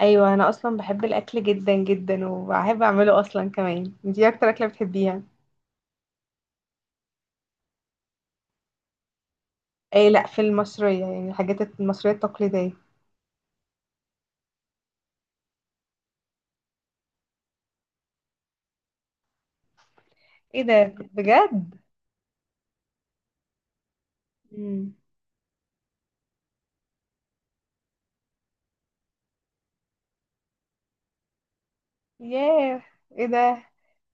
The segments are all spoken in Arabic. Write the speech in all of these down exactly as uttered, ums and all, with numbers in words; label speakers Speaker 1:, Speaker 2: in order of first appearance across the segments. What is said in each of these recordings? Speaker 1: ايوه، انا اصلا بحب الاكل جدا جدا وبحب اعمله اصلا كمان. انتي إيه اكتر اكله بتحبيها؟ ايه لا، في المصريه، يعني الحاجات المصريه التقليديه. ايه ده؟ بجد؟ امم ياه، ايه ده!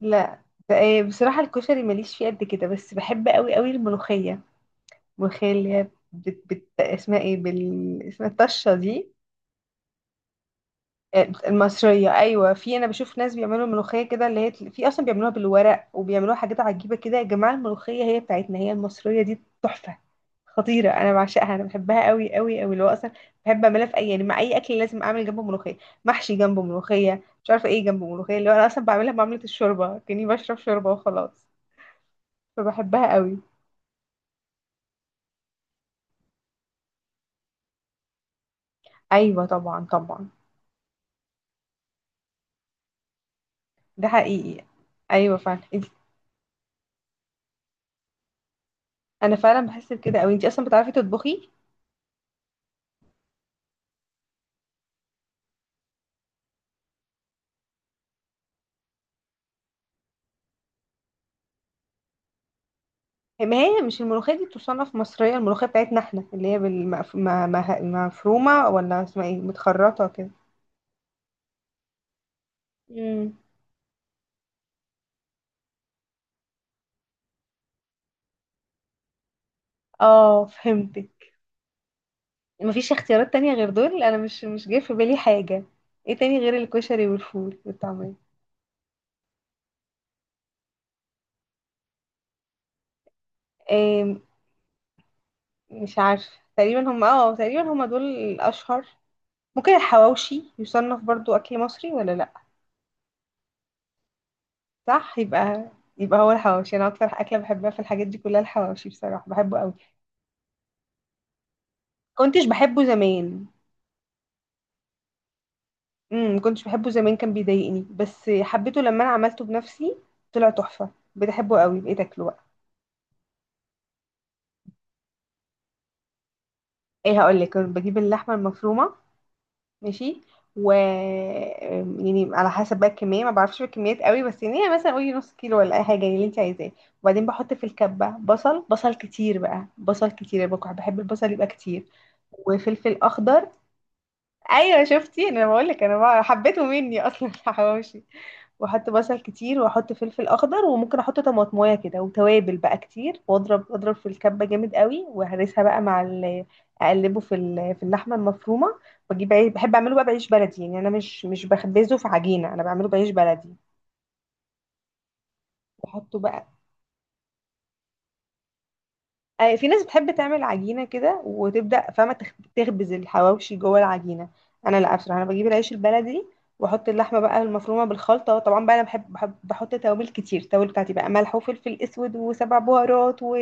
Speaker 1: لا، ده إيه؟ بصراحه الكشري ماليش فيه قد كده، بس بحب قوي قوي الملوخيه. الملوخيه اللي هي بت... بت... اسمها ايه؟ بال اسمها الطشه دي. المصرية أيوة. في أنا بشوف ناس بيعملوا ملوخية كده اللي هي في أصلا بيعملوها بالورق وبيعملوها حاجات عجيبة كده. يا جماعة، الملوخية هي بتاعتنا، هي المصرية دي تحفة، خطيرة. أنا بعشقها، أنا بحبها قوي قوي قوي. اللي هو أصلا بحب أعملها في أي، يعني مع أي أكل لازم أعمل جنبه ملوخية. محشي جنبه ملوخية، مش عارفة إيه جنبه ملوخية. اللي هو أنا أصلا بعملها معاملة الشوربة، كأني بشرب شوربة وخلاص، فبحبها قوي. أيوة طبعا طبعا. ده حقيقي. أيوة فعلا. انت أنا فعلا بحس بكده أوي. أنتي أصلا بتعرفي تطبخي؟ ما هي مش الملوخية دي تصنف مصرية؟ الملوخية بتاعتنا احنا اللي هي بالمف... ما... ما... مفرومة، ولا اسمها ايه متخرطة كده. امم اه فهمتك. مفيش اختيارات تانية غير دول. انا مش مش جاي في بالي حاجة. ايه تاني غير الكشري والفول والطعمية؟ إيه، مش عارفة. تقريبا هم، اه تقريبا هم دول الاشهر. ممكن الحواوشي يصنف برضو اكل مصري ولا لا؟ صح. يبقى يبقى هو الحواوشي. انا اكتر اكلة بحبها في الحاجات دي كلها الحواوشي، بصراحة بحبه قوي. كنتش بحبه زمان. امم ما كنتش بحبه زمان، كان بيضايقني، بس حبيته لما انا عملته بنفسي، طلع تحفه. بحبه قوي، بقيت اكله بقى. ايه، هقول لك. كنت بجيب اللحمه المفرومه، ماشي، و، يعني على حسب بقى الكميه، ما بعرفش الكميات قوي، بس يعني هي مثلا قولي نص كيلو ولا اي حاجه، يعني اللي انت عايزاه. وبعدين بحط في الكبه بصل، بصل كتير بقى، بصل كتير بقى، بحب البصل يبقى كتير. وفلفل اخضر. ايوه شفتي، انا بقول لك. انا بقى- حبيته مني اصلا الحواوشي. واحط بصل كتير واحط فلفل اخضر، وممكن احط طماطمايه كده، وتوابل بقى كتير، واضرب اضرب في الكبه جامد قوي، وهرسها بقى مع ال- اقلبه في ال- في اللحمه المفرومه. بجيب عيش، بحب اعمله بقى بعيش بلدي، يعني انا مش مش بخبزه في عجينه، انا بعمله بعيش بلدي. بحطه بقى. آه، في ناس بتحب تعمل عجينة كده، وتبدأ فاهمة تخ- تخبز الحواوشي جوه العجينة. أنا لا، بصراحة أنا بجيب العيش البلدي، وأحط اللحمة بقى المفرومة بالخلطة. طبعا بقى أنا بحب, بحب بحط توابل كتير. التوابل بتاعتي بقى ملح وفلفل أسود وسبع بهارات و...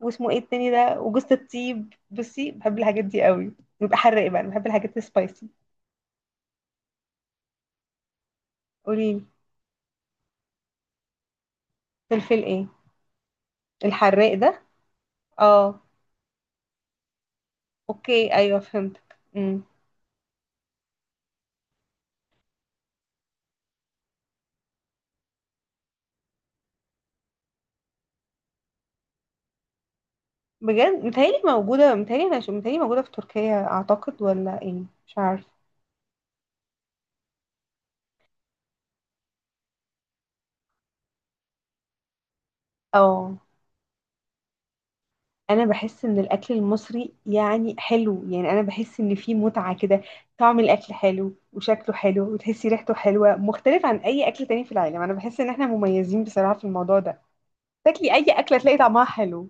Speaker 1: واسمه إيه التاني ده، وجوز الطيب. بصي، بحب الحاجات دي قوي، بيبقى حراق بقى. أنا بحب الحاجات السبايسي. قوليلي، فلفل إيه؟ الحراق ده؟ اه. أوكي أيوه فهمتك. إمم. بجد؟ متهيألي موجودة، متهيألي أنا ش- متهيألي موجودة في تركيا أعتقد، ولا إيه؟ مش عارف. اه. أنا بحس إن الأكل المصري يعني حلو، يعني أنا بحس إن فيه متعة كده. طعم الأكل حلو، وشكله حلو، وتحسي ريحته حلوة، مختلف عن أي أكل تاني في العالم. أنا بحس إن إحنا مميزين بصراحة في الموضوع ده. تاكلي أي أكلة تلاقي طعمها حلو.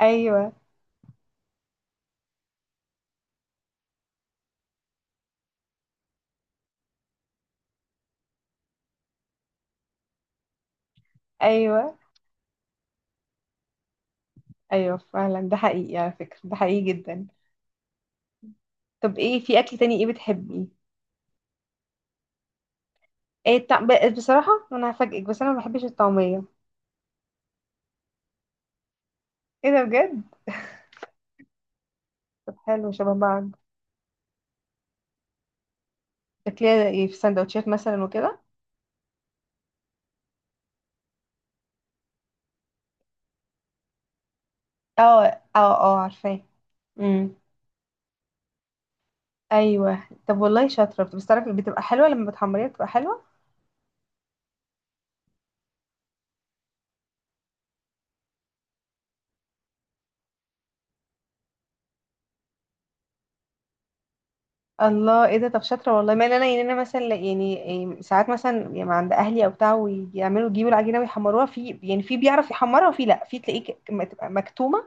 Speaker 1: أيوه أيوه. أيوه فعلا ده حقيقي، على فكرة ده حقيقي جدا. طب إيه؟ في أكل تاني إيه بتحبيه؟ إيه التع- ب- بصراحة أنا هفاجئك، بس أنا ما بحبش الطعمية. إيه ده، بجد؟ طب حلو، شبه بعض. شكلها ايه في سندوتشات مثلا وكده. اه اه اه عارفاه. امم ايوه، طب والله شاطره. بس تعرفي بتبقى حلوه لما بتحمريها، بتبقى حلوه. الله، ايه ده؟ طب شاطره والله. ما انا يعني انا مثلا لا- يعني إيه، ساعات مثلا يعني عند اهلي او بتاع، ويعملوا يجيبوا العجينه ويحمروها، في يعني في بيعرف يحمرها، وفي لا، في تلاقيه ك- م- تبقى مكتومه،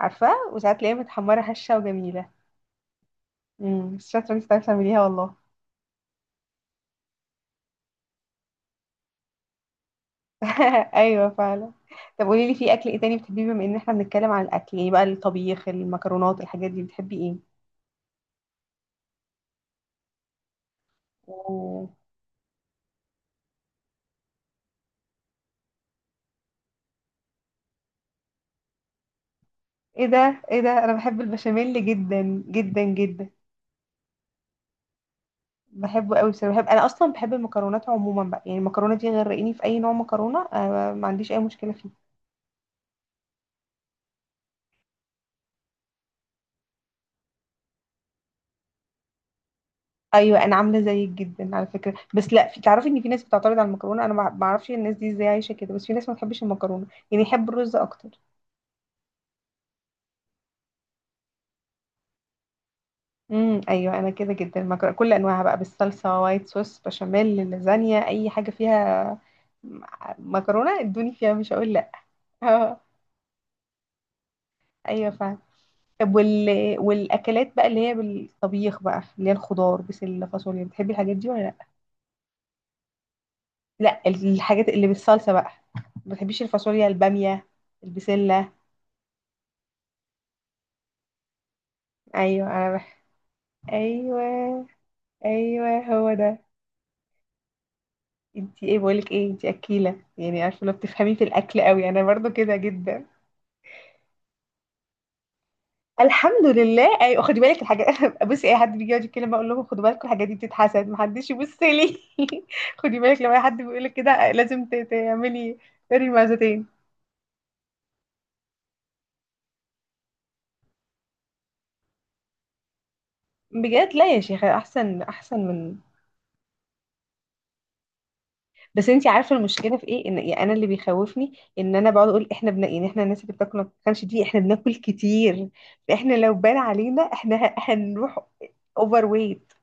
Speaker 1: عارفاه، وساعات تلاقيها متحمره هشه وجميله. امم بس شاطره انت، بتعرفي تعمليها والله. ايوه فعلا. طب قولي لي، في اكل ايه تاني بتحبيه؟ بما ان احنا بنتكلم عن الاكل، ايه بقى الطبيخ، المكرونات، الحاجات دي، بتحبي ايه؟ أوه. ايه ده، ايه ده، انا بحب البشاميل جدا جدا جدا. بحبه قوي بصراحه. بحب، انا اصلا بحب المكرونات عموما بقى، يعني المكرونه دي غرقيني في اي نوع مكرونه آه، ما عنديش اي مشكله فيه. ايوه انا عامله زيك جدا على فكره. بس لا، في تعرفي ان في ناس بتعترض على المكرونه، انا ما ما اعرفش الناس دي ازاي عايشه كده، بس في ناس ما بتحبش المكرونه، يعني يحب الرز اكتر. امم ايوه انا كده جدا. مكرونه، كل انواعها بقى، بالصلصه، وايت صوص، بشاميل، لازانيا، اي حاجه فيها، م- مكرونه، ادوني فيها مش هقول لا اه. ايوه فاهم. طب وال... والاكلات بقى اللي هي بالطبيخ بقى، اللي هي الخضار، بسله، فاصوليا، بتحبي الحاجات دي ولا لا؟ لا الحاجات اللي بالصلصه بقى. ما بتحبيش الفاصوليا، الباميه، البسله؟ ايوه انا بح... ايوه ايوه هو ده. انتي ايه بقولك ايه، انتي اكيله يعني، عارفه لو بتفهمي في الاكل قوي؟ انا برضو كده جدا. الحمد لله. ايوه، خدي بالك الحاجات بصي، اي حد بيجي يقعد يتكلم بقول لهم خدوا بالكم، الحاجات دي بتتحسد، محدش يبص لي. خدي بالك، لو اي حد بيقول لك كده لازم ت- تعملي اري معزتين. بجد لا يا شيخه، احسن احسن من. بس انتي عارفه المشكله في ايه؟ ان يعني انا اللي بيخوفني ان انا بقعد اقول احنا بنا، يعني احنا الناس اللي بتاكل ما بتتخنش دي احنا بناكل كتير، فاحنا لو بان علينا احنا ه- هنروح اوفر ويت.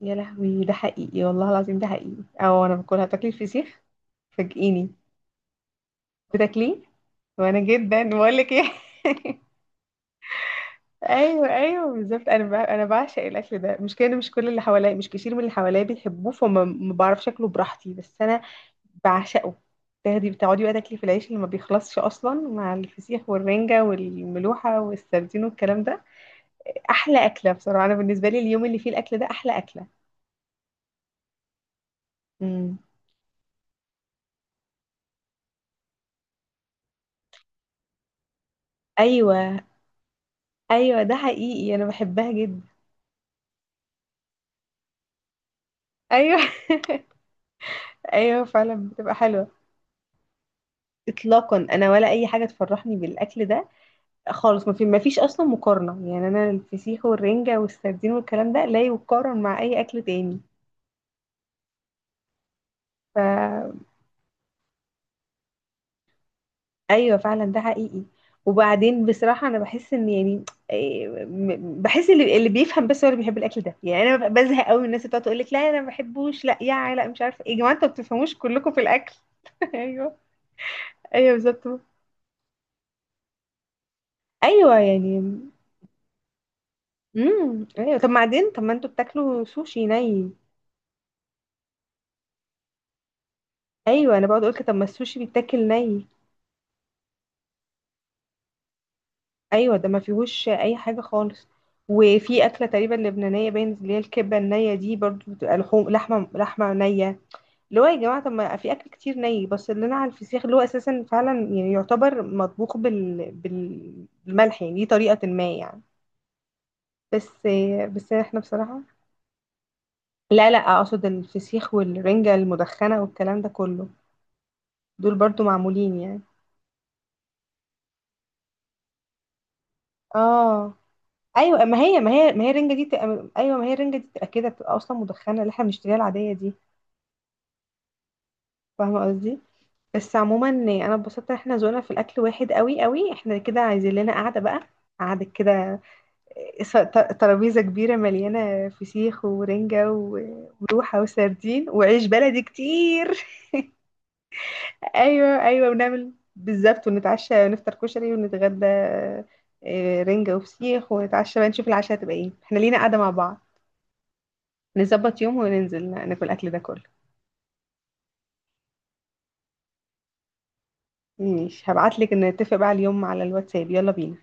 Speaker 1: يا لهوي، ده حقيقي والله العظيم، ده حقيقي. او انا باكلها. تاكلي الفسيخ؟ فاجئيني. بتاكليه؟ وانا جدا، بقول لك ايه. ايوه ايوه بالظبط. انا ب... انا بعشق الاكل ده. مش كده، مش كل اللي حواليا، مش كتير من اللي حواليا بيحبوه، فما ما بعرفش اكله براحتي، بس انا بعشقه. تاخدي بتقعدي بقى تاكلي في العيش اللي ما بيخلصش اصلا، مع الفسيخ والرنجه والملوحه والسردين والكلام ده. احلى اكله بصراحه. انا بالنسبه لي اليوم اللي فيه الاكل ده احلى اكله. امم ايوه. ايوه ده حقيقي، انا بحبها جدا. ايوه ايوه فعلا بتبقى حلوه. اطلاقا، انا ولا اي حاجه تفرحني بالاكل ده خالص. ما في، ما فيش اصلا مقارنه يعني. انا الفسيخ والرنجه والسردين والكلام ده لا يقارن مع اي اكل تاني. ف ايوه فعلا ده حقيقي. وبعدين بصراحه انا بحس ان يعني إيه، م- بحس اللي اللي بيفهم بس هو اللي بيحب الاكل ده. يعني انا ببقى بزهق قوي من الناس اللي بتقعد تقول لك لا انا ما بحبوش، لا يا، لا مش عارفه إيه. يا جماعه انتوا ما بتفهموش كلكم في الاكل. ايوه ايوه بالظبط. ايوه يعني. امم ايوه. طب بعدين طب ما انتوا بتاكلوا سوشي ني؟ ايوه انا بقعد اقول كده، طب ما السوشي بيتاكل ني. ايوه ده ما فيهوش اي حاجه خالص. وفي اكله تقريبا لبنانيه باين، اللي هي الكبه النيه دي برضو، بتبقى لحوم، لحمه لحمه نيه، اللي هو يا جماعه طب ما في اكل كتير ني. بس اللي انا على الفسيخ اللي هو اساسا فعلا يعني يعتبر مطبوخ بال... بال- بالملح، يعني دي طريقه ما يعني. بس بس احنا بصراحه، لا لا، اقصد الفسيخ والرنجه المدخنه والكلام ده كله دول برضو معمولين يعني. اه ايوه. ما هي ما هي ما هي الرنجه دي تبقى، ايوه ما هي الرنجه دي تبقى كده بتبقى اصلا مدخنه، اللي احنا بنشتريها العاديه دي. فاهمه قصدي. بس عموما انا اتبسطت ان احنا ذوقنا في الاكل واحد قوي قوي. احنا كده عايزين لنا قعده بقى. قعده كده، إيه، س- ت- ترابيزه كبيره مليانه فسيخ ورنجه و- وروحه وسردين وعيش بلدي كتير. ايوه ايوه ونعمل بالظبط ونتعشى ونفطر كشري ونتغدى، آه، رنجه وفسيخ، ونتعشى بقى نشوف العشاء هتبقى ايه. احنا لينا قعده مع بعض، نظبط يوم وننزل ناكل الأكل ده كله. ماشي، هبعتلك نتفق بقى اليوم على الواتساب. يلا بينا.